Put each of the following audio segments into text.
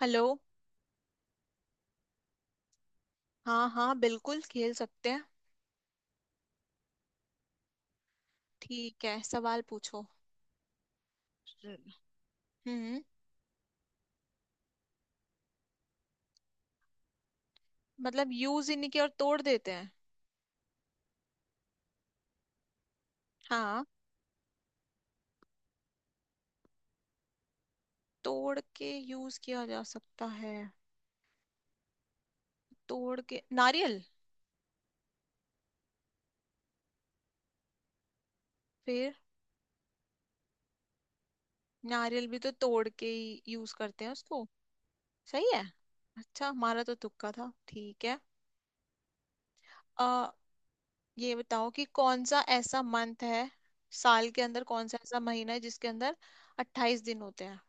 Hello. हाँ हाँ बिल्कुल खेल सकते हैं। ठीक है, सवाल पूछो। हम्म। मतलब यूज ही नहीं किया और तोड़ देते हैं? हाँ। तोड़ के यूज किया जा सकता है। तोड़ के नारियल। फिर? नारियल भी तो तोड़ के ही यूज करते हैं उसको। सही है। अच्छा, हमारा तो तुक्का था। ठीक है। आ, ये बताओ कि कौन सा ऐसा मंथ है, साल के अंदर कौन सा ऐसा महीना है जिसके अंदर अट्ठाईस दिन होते हैं।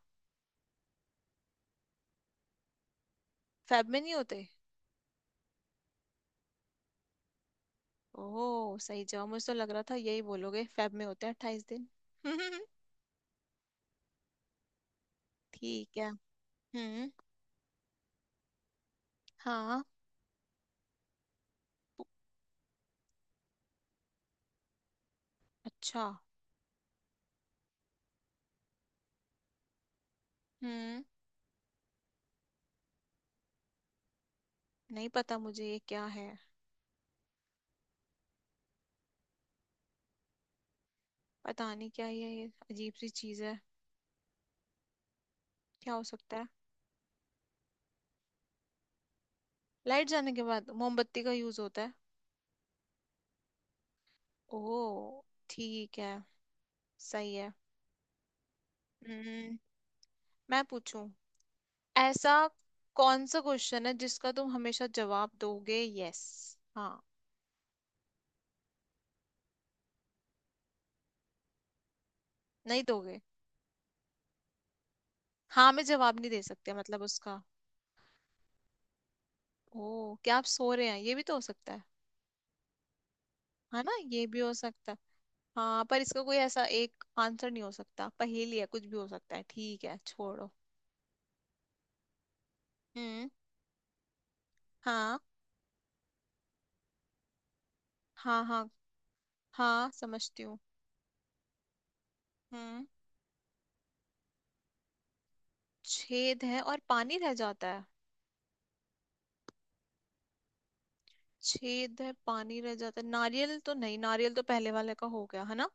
फेब में नहीं होते। ओह सही जवाब, मुझे तो लग रहा था यही बोलोगे फेब में होते हैं अट्ठाईस दिन। ठीक है। हम्म। हाँ। पु- अच्छा। हम्म। नहीं पता मुझे ये क्या है। पता नहीं क्या ये अजीब सी चीज है। क्या हो सकता है? लाइट जाने के बाद मोमबत्ती का यूज होता है। ओह। ठीक है। सही है। हम्म। मैं पूछूं? ऐसा कौन सा क्वेश्चन है जिसका तुम हमेशा जवाब दोगे यस? हाँ। नहीं दोगे। हाँ में जवाब नहीं दे सकते मतलब उसका। ओ, क्या आप सो रहे हैं, ये भी तो हो सकता है। है ना, ये भी हो सकता है। हाँ पर इसका कोई ऐसा एक आंसर नहीं हो सकता, पहेली है कुछ भी हो सकता है। ठीक है, छोड़ो। हम्म। हाँ हाँ हाँ। हाँ समझती हूँ। हम्म। छेद है और पानी रह जाता है? छेद है पानी रह जाता है। नारियल तो नहीं, नारियल तो पहले वाले का हो गया है ना।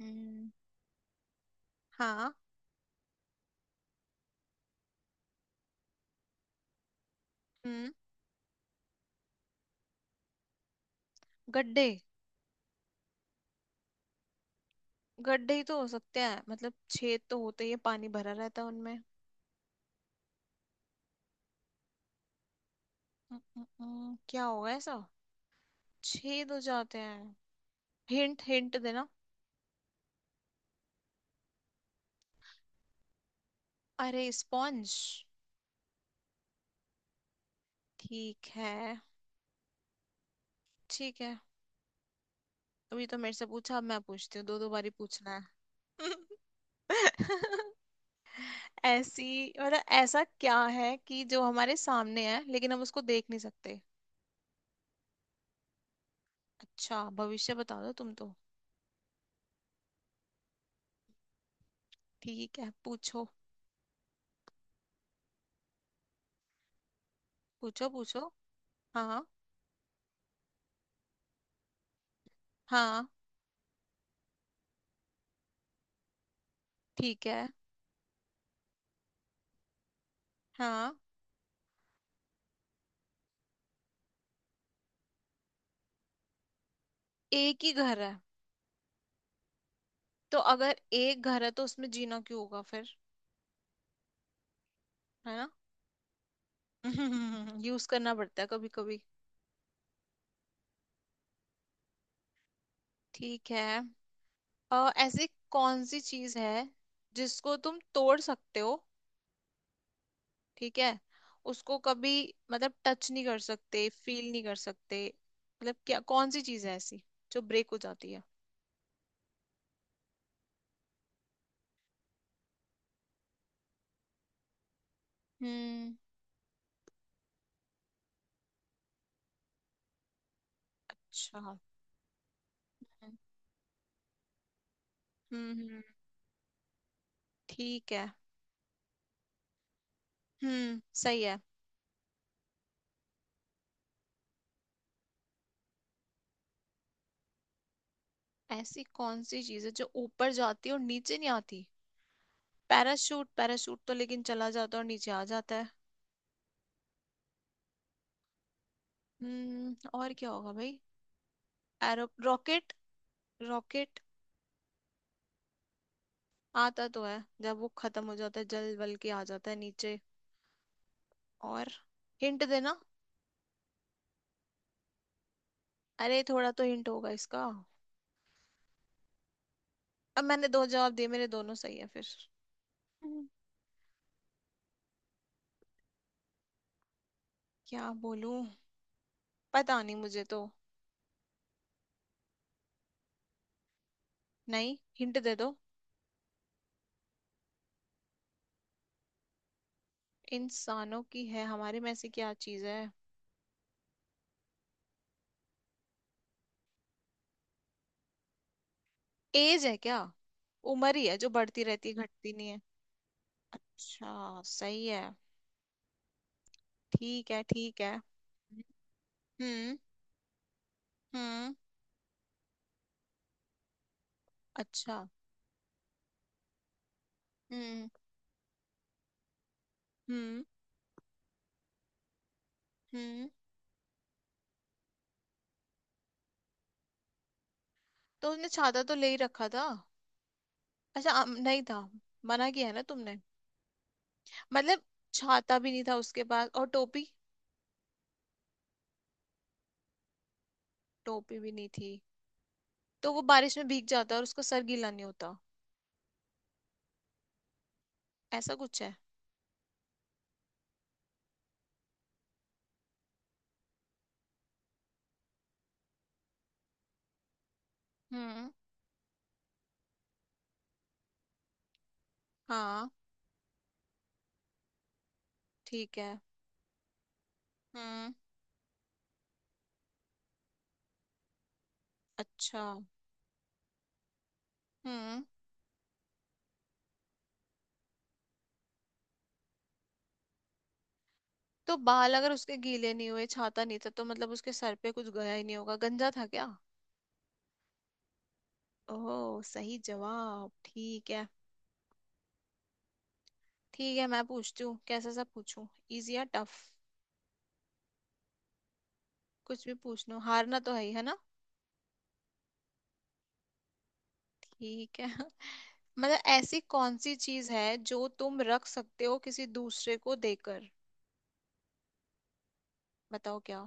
हम्म। हाँ। हम्म। गड्ढे। गड्ढे ही तो हो सकते हैं, मतलब छेद तो होते ही है पानी भरा रहता है उनमें। क्या होगा ऐसा? छेद हो जाते हैं। हिंट हिंट देना। अरे स्पॉन्ज। ठीक है। ठीक है, अभी तो मेरे से पूछा अब मैं पूछती हूँ, दो दो बारी पूछना है। ऐसी। मतलब ऐसा क्या है कि जो हमारे सामने है लेकिन हम उसको देख नहीं सकते? अच्छा, भविष्य बता दो तुम तो। ठीक है, पूछो पूछो पूछो। हाँ। हाँ। ठीक है। हाँ। एक ही घर है? तो अगर एक घर है तो उसमें जीना क्यों होगा फिर। है ना? यूज करना पड़ता है कभी कभी। ठीक है। ऐसी कौन सी चीज है जिसको तुम तोड़ सकते हो, ठीक है, उसको कभी मतलब टच नहीं कर सकते फील नहीं कर सकते। मतलब क्या, कौन सी चीज है ऐसी जो ब्रेक हो जाती है? हम्म। अच्छा। हम्म। हम्म। ठीक है। हम्म, सही है। ऐसी कौन सी चीज है जो ऊपर जाती है और नीचे नहीं आती? पैराशूट। पैराशूट तो लेकिन चला जाता है और नीचे आ जाता है। हम्म, और क्या होगा भाई। Arrow rocket. रॉकेट। आता तो है, जब वो खत्म हो जाता है जल वल के आ जाता है नीचे। और? हिंट देना। अरे थोड़ा तो हिंट होगा इसका। अब मैंने दो जवाब दिए, मेरे दोनों सही है फिर। हम्म। क्या बोलूं, पता नहीं मुझे तो। नहीं, हिंट दे दो। इंसानों की है, हमारे में ऐसी क्या चीज है? एज है क्या? उम्र ही है जो बढ़ती रहती है घटती नहीं है। अच्छा सही है। ठीक है ठीक है। हम्म। हम्म। अच्छा। हम्म। हम्म। हम्म। तो उसने छाता तो ले ही रखा था। अच्छा नहीं था। मना किया है ना तुमने। मतलब, छाता भी नहीं था उसके पास और टोपी? टोपी भी नहीं थी। तो वो बारिश में भीग जाता और उसका सर गीला नहीं होता, ऐसा कुछ है? हम्म। हाँ। ठीक है। हम्म। अच्छा। हम्म। तो बाल अगर उसके गीले नहीं हुए छाता नहीं था तो मतलब उसके सर पे कुछ गया ही नहीं होगा, गंजा था क्या? ओह सही जवाब, ठीक है। ठीक है, मैं पूछती हूँ, कैसा सा पूछूं, इजी या टफ? कुछ भी पूछ लो, हारना तो है ही है ना। ठीक है। मतलब ऐसी कौन सी चीज है जो तुम रख सकते हो किसी दूसरे को देकर? बताओ क्या?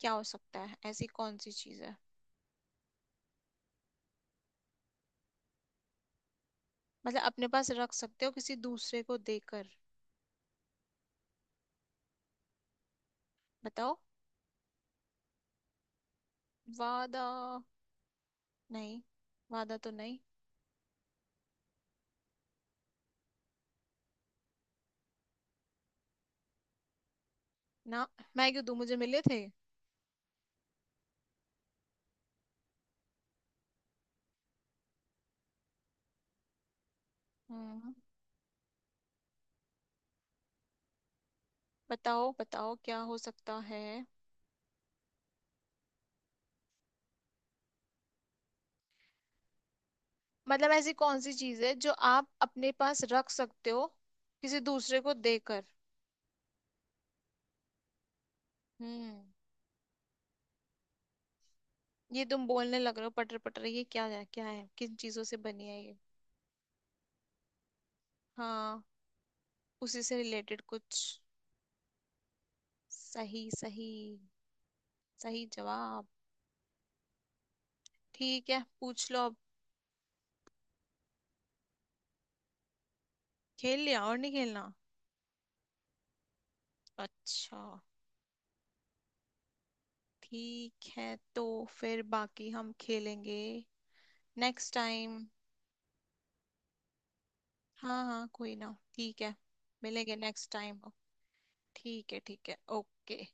क्या हो सकता है, ऐसी कौन सी चीज है? मतलब अपने पास रख सकते हो किसी दूसरे को देकर। बताओ। वादा? नहीं। वादा तो नहीं। ना, मैं क्यों दूं मुझे मिले थे। हम्म। बताओ बताओ क्या हो सकता है। मतलब ऐसी कौन सी चीज है जो आप अपने पास रख सकते हो किसी दूसरे को देकर? हम्म। ये तुम बोलने लग रहे हो पटर पटर, ये क्या है, क्या है, किन चीजों से बनी है ये? हाँ। उसी से रिलेटेड कुछ। सही सही। सही जवाब। ठीक है, पूछ लो अब। खेल लिया और नहीं खेलना? अच्छा। ठीक है। तो फिर बाकी हम खेलेंगे नेक्स्ट टाइम। हाँ हाँ कोई ना, ठीक है। मिलेंगे नेक्स्ट टाइम। ठीक है ओके।